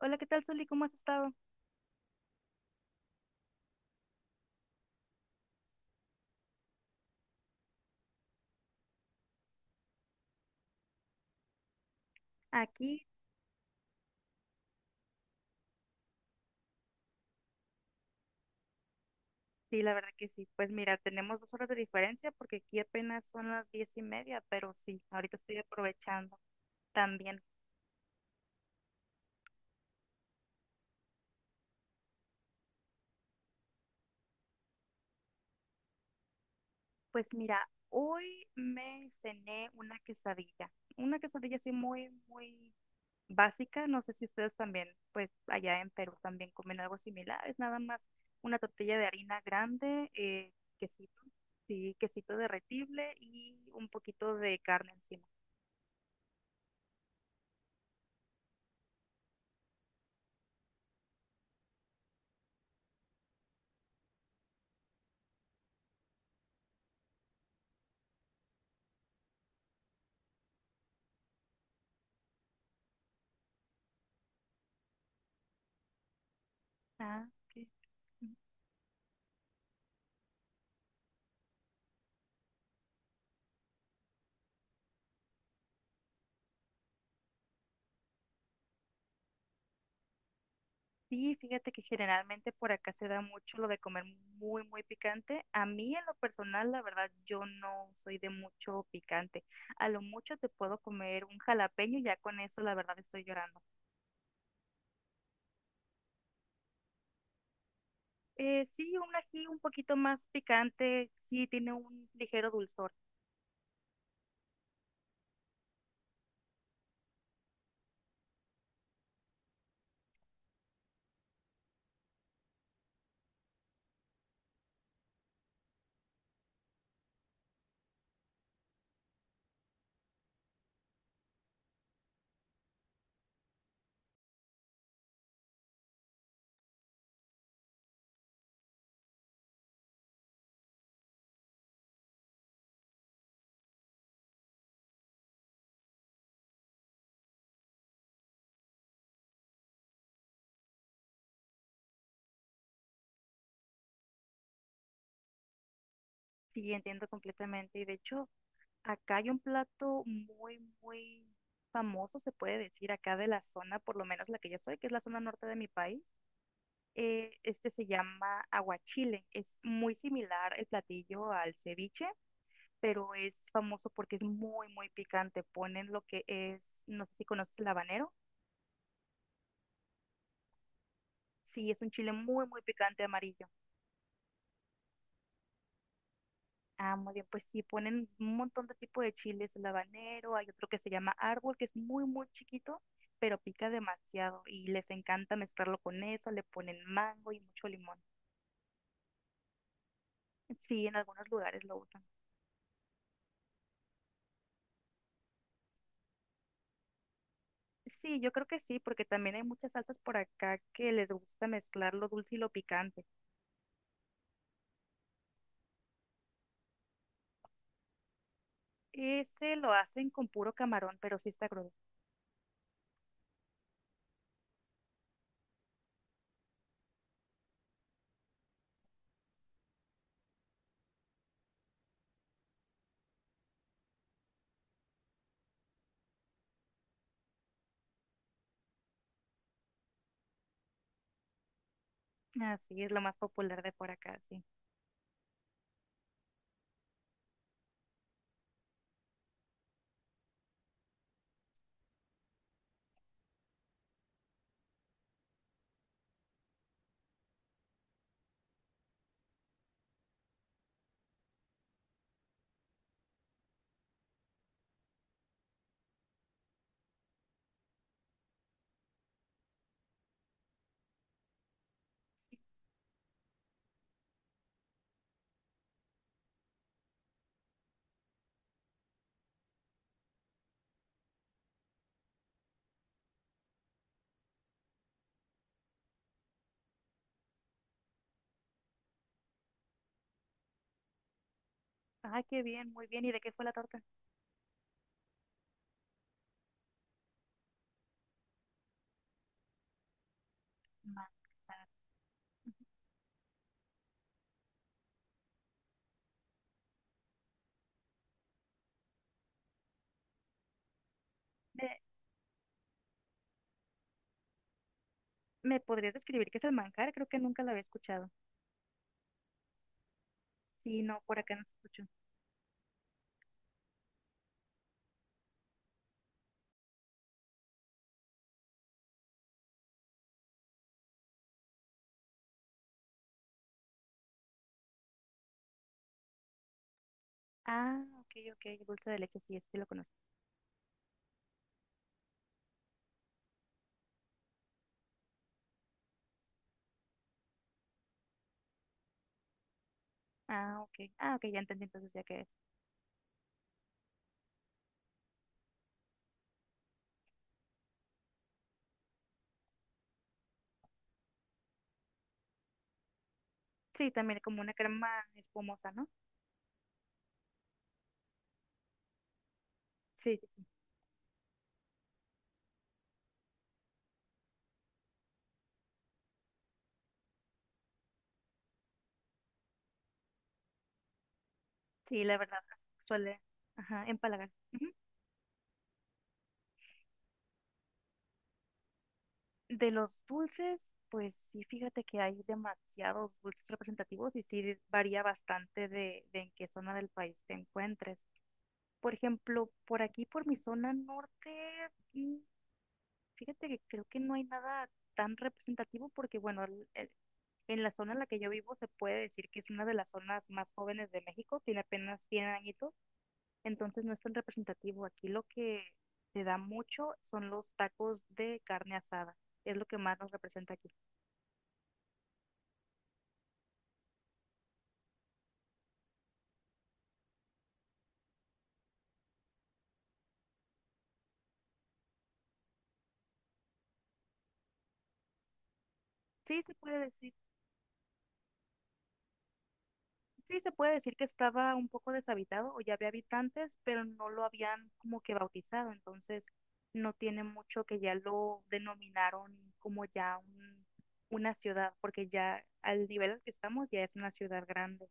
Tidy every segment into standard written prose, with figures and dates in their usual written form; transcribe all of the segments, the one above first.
Hola, ¿qué tal, Soli? ¿Cómo has estado? Aquí, sí, la verdad que sí. Pues mira, tenemos 2 horas de diferencia porque aquí apenas son las 10 y media, pero sí, ahorita estoy aprovechando también. Pues mira, hoy me cené una quesadilla así muy, muy básica. No sé si ustedes también, pues allá en Perú también comen algo similar. Es nada más una tortilla de harina grande, quesito, sí, quesito derretible y un poquito de carne encima. Ah, ok. Sí, fíjate que generalmente por acá se da mucho lo de comer muy, muy picante. A mí en lo personal, la verdad, yo no soy de mucho picante. A lo mucho te puedo comer un jalapeño y ya con eso, la verdad, estoy llorando. Sí, un ají un poquito más picante, sí, tiene un ligero dulzor. Sí, entiendo completamente. Y de hecho, acá hay un plato muy, muy famoso, se puede decir, acá de la zona, por lo menos la que yo soy, que es la zona norte de mi país. Este se llama aguachile. Es muy similar el platillo al ceviche, pero es famoso porque es muy, muy picante. Ponen lo que es, no sé si conoces el habanero. Sí, es un chile muy, muy picante amarillo. Ah, muy bien, pues sí, ponen un montón de tipo de chiles, el habanero, hay otro que se llama árbol, que es muy, muy chiquito, pero pica demasiado y les encanta mezclarlo con eso, le ponen mango y mucho limón. Sí, en algunos lugares lo usan. Sí, yo creo que sí, porque también hay muchas salsas por acá que les gusta mezclar lo dulce y lo picante. Ese lo hacen con puro camarón, pero sí está crudo. Así es lo más popular de por acá, sí. Ah, qué bien, muy bien. ¿Y de qué fue la torta? Manjar. ¿Me, me podrías describir qué es el manjar? Creo que nunca la había escuchado. Sí, no, por acá no se escuchó. Ah, ok, ok, dulce de leche, sí, este lo conozco. Ah, ok, ah, ok, ya entendí entonces ya qué es. Sí, también como una crema espumosa, ¿no? Sí, sí, sí. Sí, la verdad, suele, ajá, empalagar. De los dulces, pues sí, fíjate que hay demasiados dulces representativos y sí varía bastante de en qué zona del país te encuentres. Por ejemplo, por aquí, por mi zona norte, mm, fíjate que creo que no hay nada tan representativo porque, bueno, en la zona en la que yo vivo se puede decir que es una de las zonas más jóvenes de México, tiene apenas 100 añitos, entonces no es tan representativo. Aquí lo que se da mucho son los tacos de carne asada, es lo que más nos representa aquí. Sí se puede decir, sí se puede decir que estaba un poco deshabitado o ya había habitantes, pero no lo habían como que bautizado, entonces no tiene mucho que ya lo denominaron como ya una ciudad, porque ya al nivel al que estamos ya es una ciudad grande.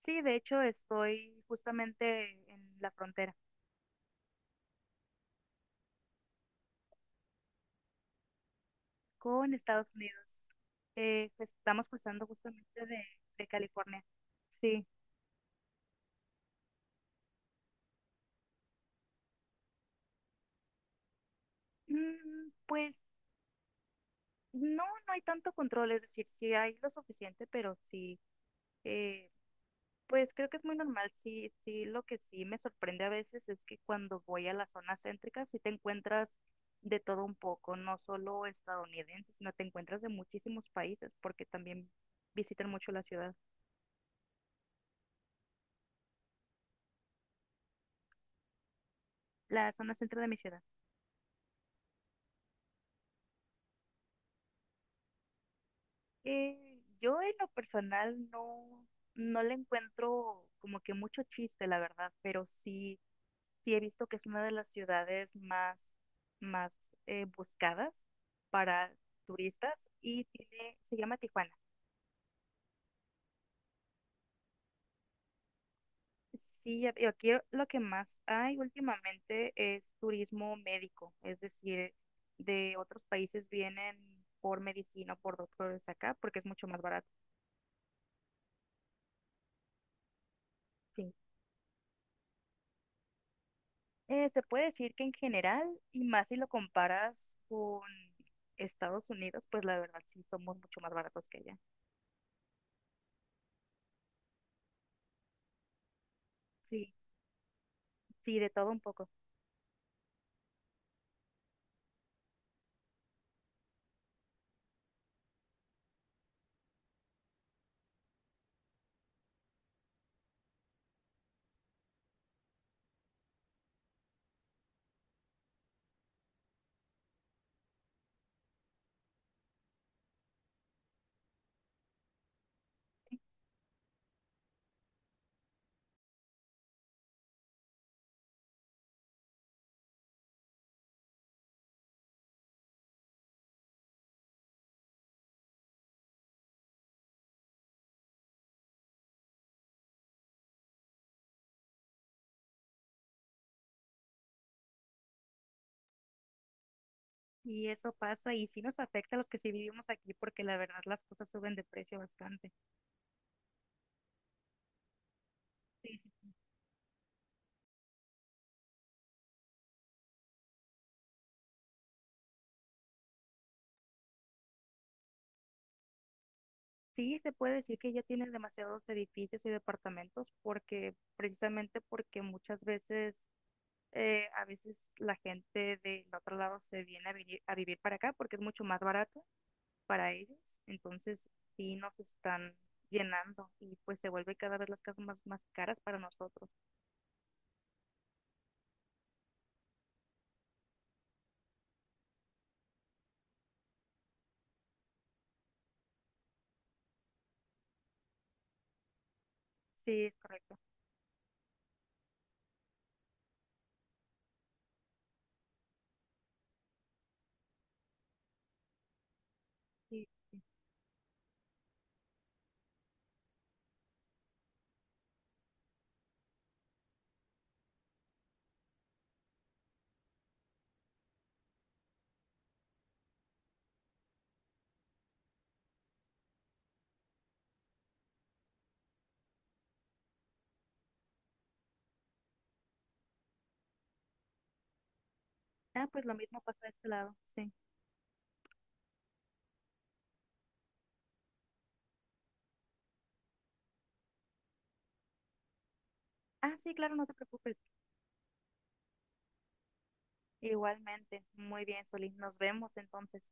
Sí, de hecho estoy justamente en la frontera con Estados Unidos. Pues, estamos cruzando justamente de California. Sí. Mm, pues no, no hay tanto control, es decir, sí hay lo suficiente, pero sí, eh, pues creo que es muy normal. Sí, sí, lo que sí me sorprende a veces es que cuando voy a las zonas céntricas sí te encuentras de todo un poco, no solo estadounidenses, sino te encuentras de muchísimos países, porque también visitan mucho la ciudad, la zona centro de mi ciudad. Yo en lo personal no, no le encuentro como que mucho chiste, la verdad, pero sí he visto que es una de las ciudades más, más buscadas para turistas y tiene, se llama Tijuana. Sí, y aquí lo que más hay últimamente es turismo médico, es decir, de otros países vienen por medicina o por doctores acá porque es mucho más barato. Sí. Se puede decir que en general, y más si lo comparas con Estados Unidos, pues la verdad sí somos mucho más baratos que allá. Sí, sí, de todo un poco. Y eso pasa y sí nos afecta a los que sí vivimos aquí porque la verdad las cosas suben de precio bastante. Sí, sí se puede decir que ya tienen demasiados edificios y departamentos porque precisamente porque muchas veces a veces la gente del otro lado se viene a vivir para acá porque es mucho más barato para ellos. Entonces sí nos están llenando y pues se vuelve cada vez las casas más, más caras para nosotros. Sí, es correcto. Sí. Ah, pues lo mismo pasa de este lado. Sí. Ah, sí, claro, no te preocupes. Igualmente, muy bien, Solís. Nos vemos entonces.